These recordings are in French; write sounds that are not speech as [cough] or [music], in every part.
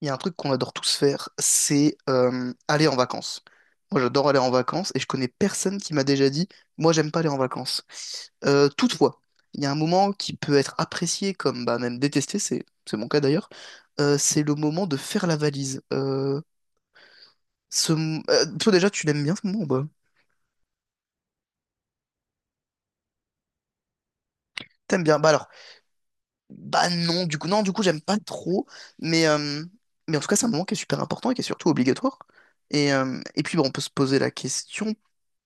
Il y a un truc qu'on adore tous faire, c'est aller en vacances. Moi, j'adore aller en vacances et je connais personne qui m'a déjà dit, moi, j'aime pas aller en vacances. Toutefois, il y a un moment qui peut être apprécié comme bah, même détesté, c'est mon cas d'ailleurs, c'est le moment de faire la valise. Toi déjà, tu l'aimes bien ce moment? Ou pas? T'aimes bien? Bah alors, bah non, du coup, non, du coup, j'aime pas trop, mais, euh, mais en tout cas, c'est un moment qui est super important et qui est surtout obligatoire. Et puis, bon, on peut se poser la question,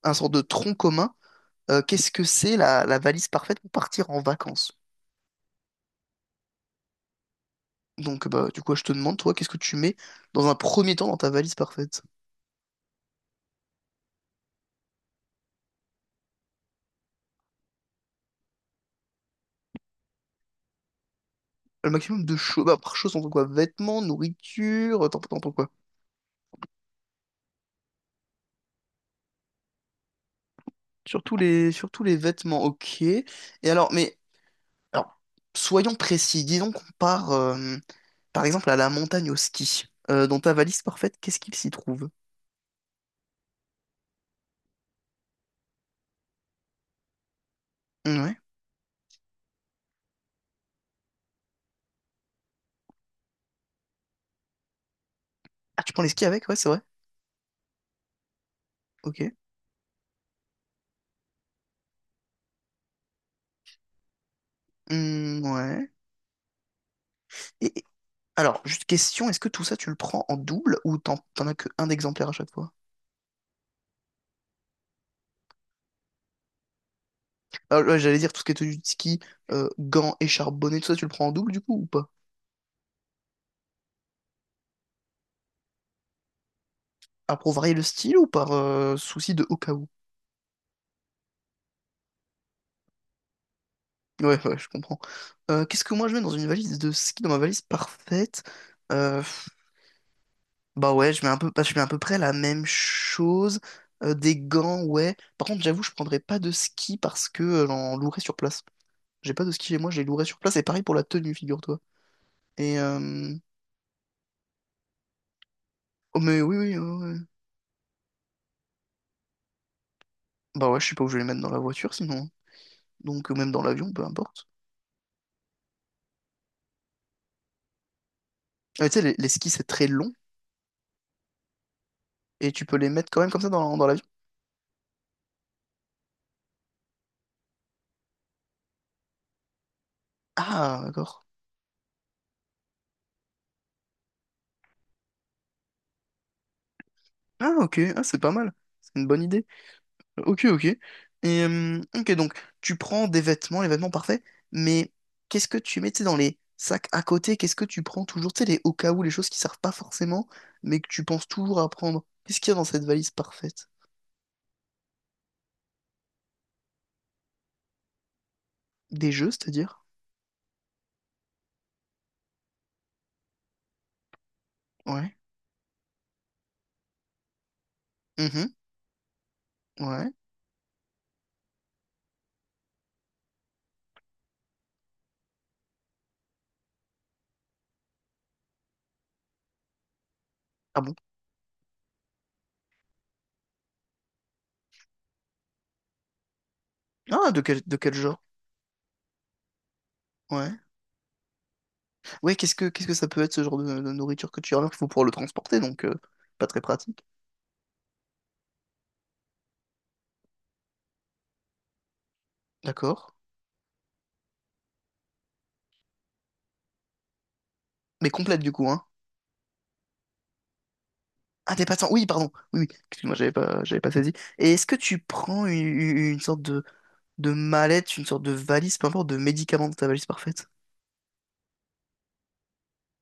un sort de tronc commun. Qu'est-ce que c'est la, la valise parfaite pour partir en vacances? Donc, bah, du coup, je te demande, toi, qu'est-ce que tu mets dans un premier temps dans ta valise parfaite? Le maximum de choses, bah, par chose, on entend quoi? Vêtements, nourriture, t'entends quoi? Surtout les vêtements, ok. Et alors, mais, alors, soyons précis, disons qu'on part, par exemple, à la montagne au ski. Dans ta valise parfaite, qu'est-ce qu'il s'y trouve? Ouais. Ah, tu prends les skis avec? Ouais, c'est vrai. Ok. Hmm, ouais. Et alors, juste question, est-ce que tout ça tu le prends en double ou t'en as qu'un exemplaire à chaque fois? Ah, ouais, j'allais dire tout ce qui est tenue de ski, gants, écharpe, bonnet, tout ça tu le prends en double du coup ou pas? Ah, pour varier le style ou par souci de au cas où? Ouais, ouais, je comprends. Qu'est-ce que moi je mets dans une valise de ski, dans ma valise parfaite? Euh, Bah ouais, je mets un peu, bah, je mets à peu près la même chose. Des gants, ouais. Par contre, j'avoue, je prendrais pas de ski parce que j'en louerais sur place. J'ai pas de ski chez moi, je les louerais sur place. Et pareil pour la tenue, figure-toi. Et euh, Oh, mais oui, oui, ouais, ouais. Bah ouais, je sais pas où je vais les mettre dans la voiture sinon, hein. Donc, ou même dans l'avion, peu importe. Ah, mais tu sais, les skis, c'est très long et tu peux les mettre quand même comme ça dans, dans l'avion. Ah, d'accord. Ah, ok, ah, c'est pas mal. C'est une bonne idée. Ok, ok. Donc, tu prends des vêtements, les vêtements parfaits, mais qu'est-ce que tu mets, tu sais, dans les sacs à côté? Qu'est-ce que tu prends toujours, tu sais, les au cas où, les choses qui servent pas forcément, mais que tu penses toujours à prendre? Qu'est-ce qu'il y a dans cette valise parfaite? Des jeux, c'est-à-dire? Ouais. Mhm. Ouais. Ah bon? Ah, de quel genre? Ouais. Ouais, qu'est-ce que ça peut être ce genre de nourriture que tu remarques? Il faut pouvoir le transporter, donc pas très pratique. D'accord. Mais complète du coup, hein. Ah, t'es pas sans- Oui, pardon. Oui, oui. Excuse-moi, j'avais pas saisi. Et est-ce que tu prends une sorte de mallette, une sorte de valise, peu importe, de médicaments de ta valise parfaite?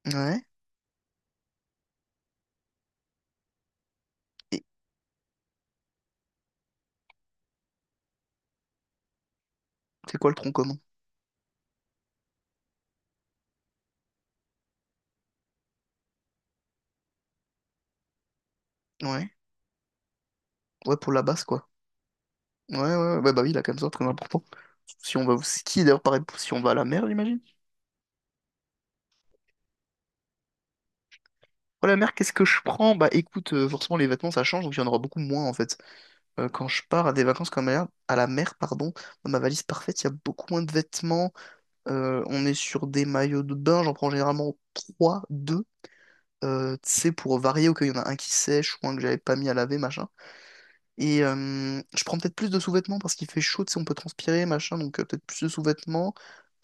Ouais. Et c'est quoi le tronc commun? Ouais. Ouais, pour la base, quoi. Ouais, ouais, ouais. Bah, bah oui, là, comme ça, très important. Si on va au ski, d'ailleurs, pareil, pour- si on va à la mer, j'imagine. Pour la mer, qu'est-ce que je prends? Bah écoute, forcément, les vêtements, ça change, donc il y en aura beaucoup moins, en fait. Quand je pars à des vacances comme à la mer, pardon, dans ma valise parfaite, il y a beaucoup moins de vêtements. On est sur des maillots de bain, j'en prends généralement 3, 2. Tu sais, pour varier au cas où il y en a un qui sèche ou un que j'avais pas mis à laver, machin. Et je prends peut-être plus de sous-vêtements parce qu'il fait chaud, tu sais, on peut transpirer, machin, donc peut-être plus de sous-vêtements.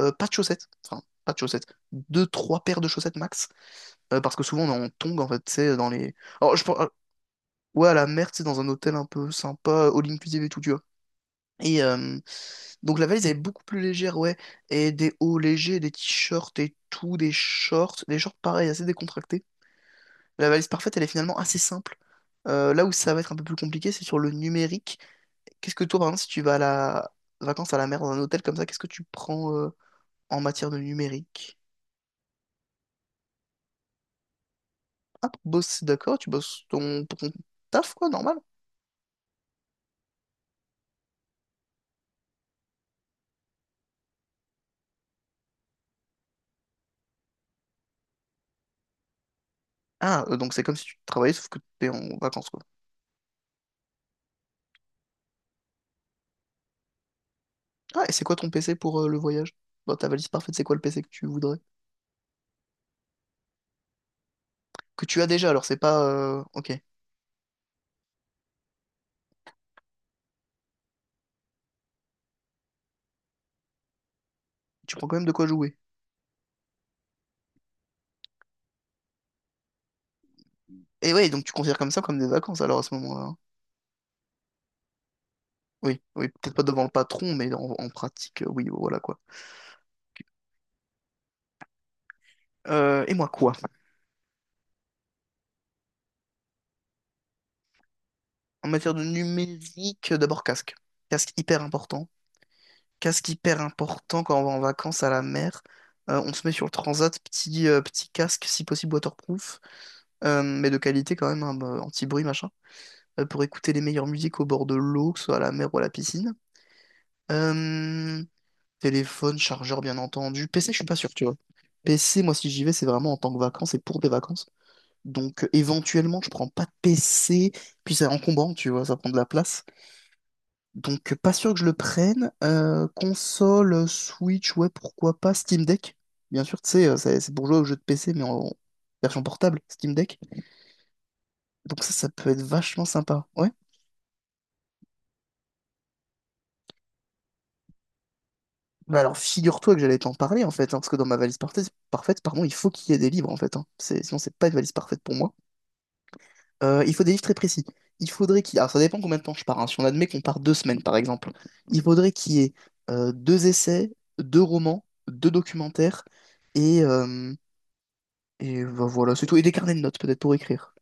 Pas de chaussettes, enfin, pas de chaussettes. Deux, trois paires de chaussettes max. Parce que souvent on est en tongs en fait, tu sais, dans les. Alors, je... pense- ah, ouais, à la mer, tu sais, dans un hôtel un peu sympa, all inclusive et tout, tu vois. Et euh, donc la valise, elle est beaucoup plus légère, ouais. Et des hauts légers, des t-shirts et tout, des shorts. Des shorts, pareil, assez décontractés. La valise parfaite, elle est finalement assez simple. Là où ça va être un peu plus compliqué, c'est sur le numérique. Qu'est-ce que toi, par exemple, si tu vas à la vacances à la mer dans un hôtel comme ça, qu'est-ce que tu prends en matière de numérique? Ah, pour bosser, d'accord, tu bosses ton... pour ton taf, quoi, normal. Ah, donc c'est comme si tu travaillais, sauf que t'es en vacances, quoi. Ah, et c'est quoi ton PC pour le voyage? Dans ta valise parfaite, c'est quoi le PC que tu voudrais? Que tu as déjà, alors c'est pas... Ok, tu prends quand même de quoi jouer. Et ouais, donc tu considères comme ça comme des vacances alors à ce moment-là, hein. Oui, oui, peut-être pas devant le patron, mais en, en pratique, oui, voilà quoi. Et moi quoi? En matière de numérique, d'abord casque. Casque hyper important. Casque hyper important quand on va en vacances à la mer. On se met sur le transat, petit, petit casque, si possible waterproof, mais de qualité quand même, hein, bah, anti-bruit, machin, pour écouter les meilleures musiques au bord de l'eau, que ce soit à la mer ou à la piscine. Euh, Téléphone, chargeur, bien entendu. PC, je suis pas sûr, tu vois. PC, moi, si j'y vais, c'est vraiment en tant que vacances et pour des vacances. Donc, éventuellement, je prends pas de PC. Puis, c'est encombrant, tu vois, ça prend de la place. Donc, pas sûr que je le prenne. Console, Switch, ouais, pourquoi pas. Steam Deck, bien sûr, tu sais, c'est pour jouer aux jeux de PC, mais en version portable, Steam Deck. Donc, ça peut être vachement sympa, ouais. Bah alors, figure-toi que j'allais t'en parler, en fait, hein, parce que dans ma valise parfaite, parfaite, pardon, il faut qu'il y ait des livres, en fait, hein. C'est- Sinon, c'est pas une valise parfaite pour moi. Il faut des livres très précis. Il faudrait qu'il... Alors, ça dépend combien de temps je pars, hein. Si on admet qu'on part deux semaines, par exemple, il faudrait qu'il y ait deux essais, deux romans, deux documentaires et, euh, et bah, voilà, c'est tout. Et des carnets de notes, peut-être, pour écrire.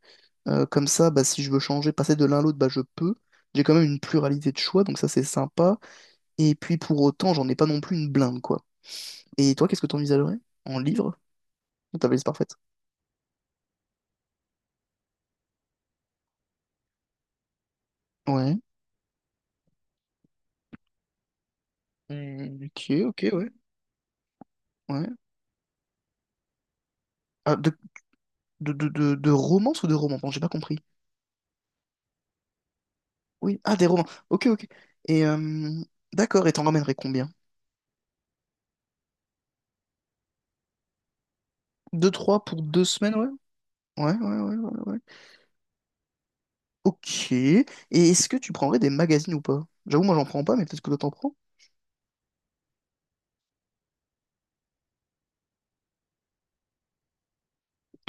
Comme ça, bah, si je veux changer, passer de l'un à l'autre, bah, je peux. J'ai quand même une pluralité de choix, donc ça, c'est sympa. Et puis, pour autant, j'en ai pas non plus une blinde, quoi. Et toi, qu'est-ce que t'envisagerais en livre? Dans ta valise parfaite. Ouais. Hmm, ok, ok, ouais. Ouais. Ah, de romance ou de romans? Bon, j'ai pas compris. Oui, ah, des romans. Ok, ok. Et euh, d'accord, et t'en ramènerais combien? Deux, trois pour deux semaines, ouais? Ouais, ouais, ouais, ouais, ouais. Ok. Et est-ce que tu prendrais des magazines ou pas? J'avoue, moi, j'en prends pas, mais peut-être que toi, t'en prends.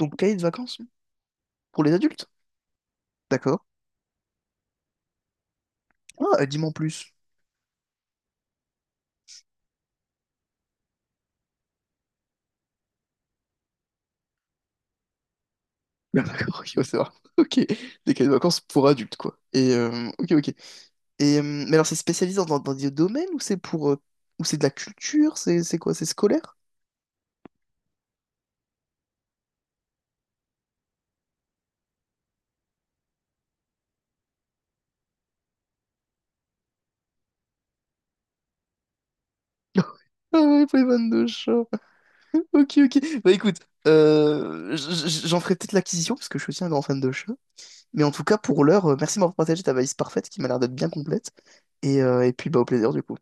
Donc, cahier de vacances? Hein, pour les adultes? D'accord. Ah, dis-moi en plus. [laughs] D'accord, ok, on va savoir. Ok. Des cahiers de vacances pour adultes, quoi. Ok, ok. Et, mais alors, c'est spécialisé dans, dans des domaines ou c'est pour, ou c'est de la culture? C'est quoi? C'est scolaire? [laughs] Ah ouais, pour les vannes de chat. [laughs] Ok, ok. Bah écoute, j'en ferai peut-être l'acquisition parce que je suis aussi un grand fan de chat. Mais en tout cas, pour l'heure, merci de m'avoir partagé ta valise parfaite qui m'a l'air d'être bien complète. Et puis, bah, au plaisir du coup.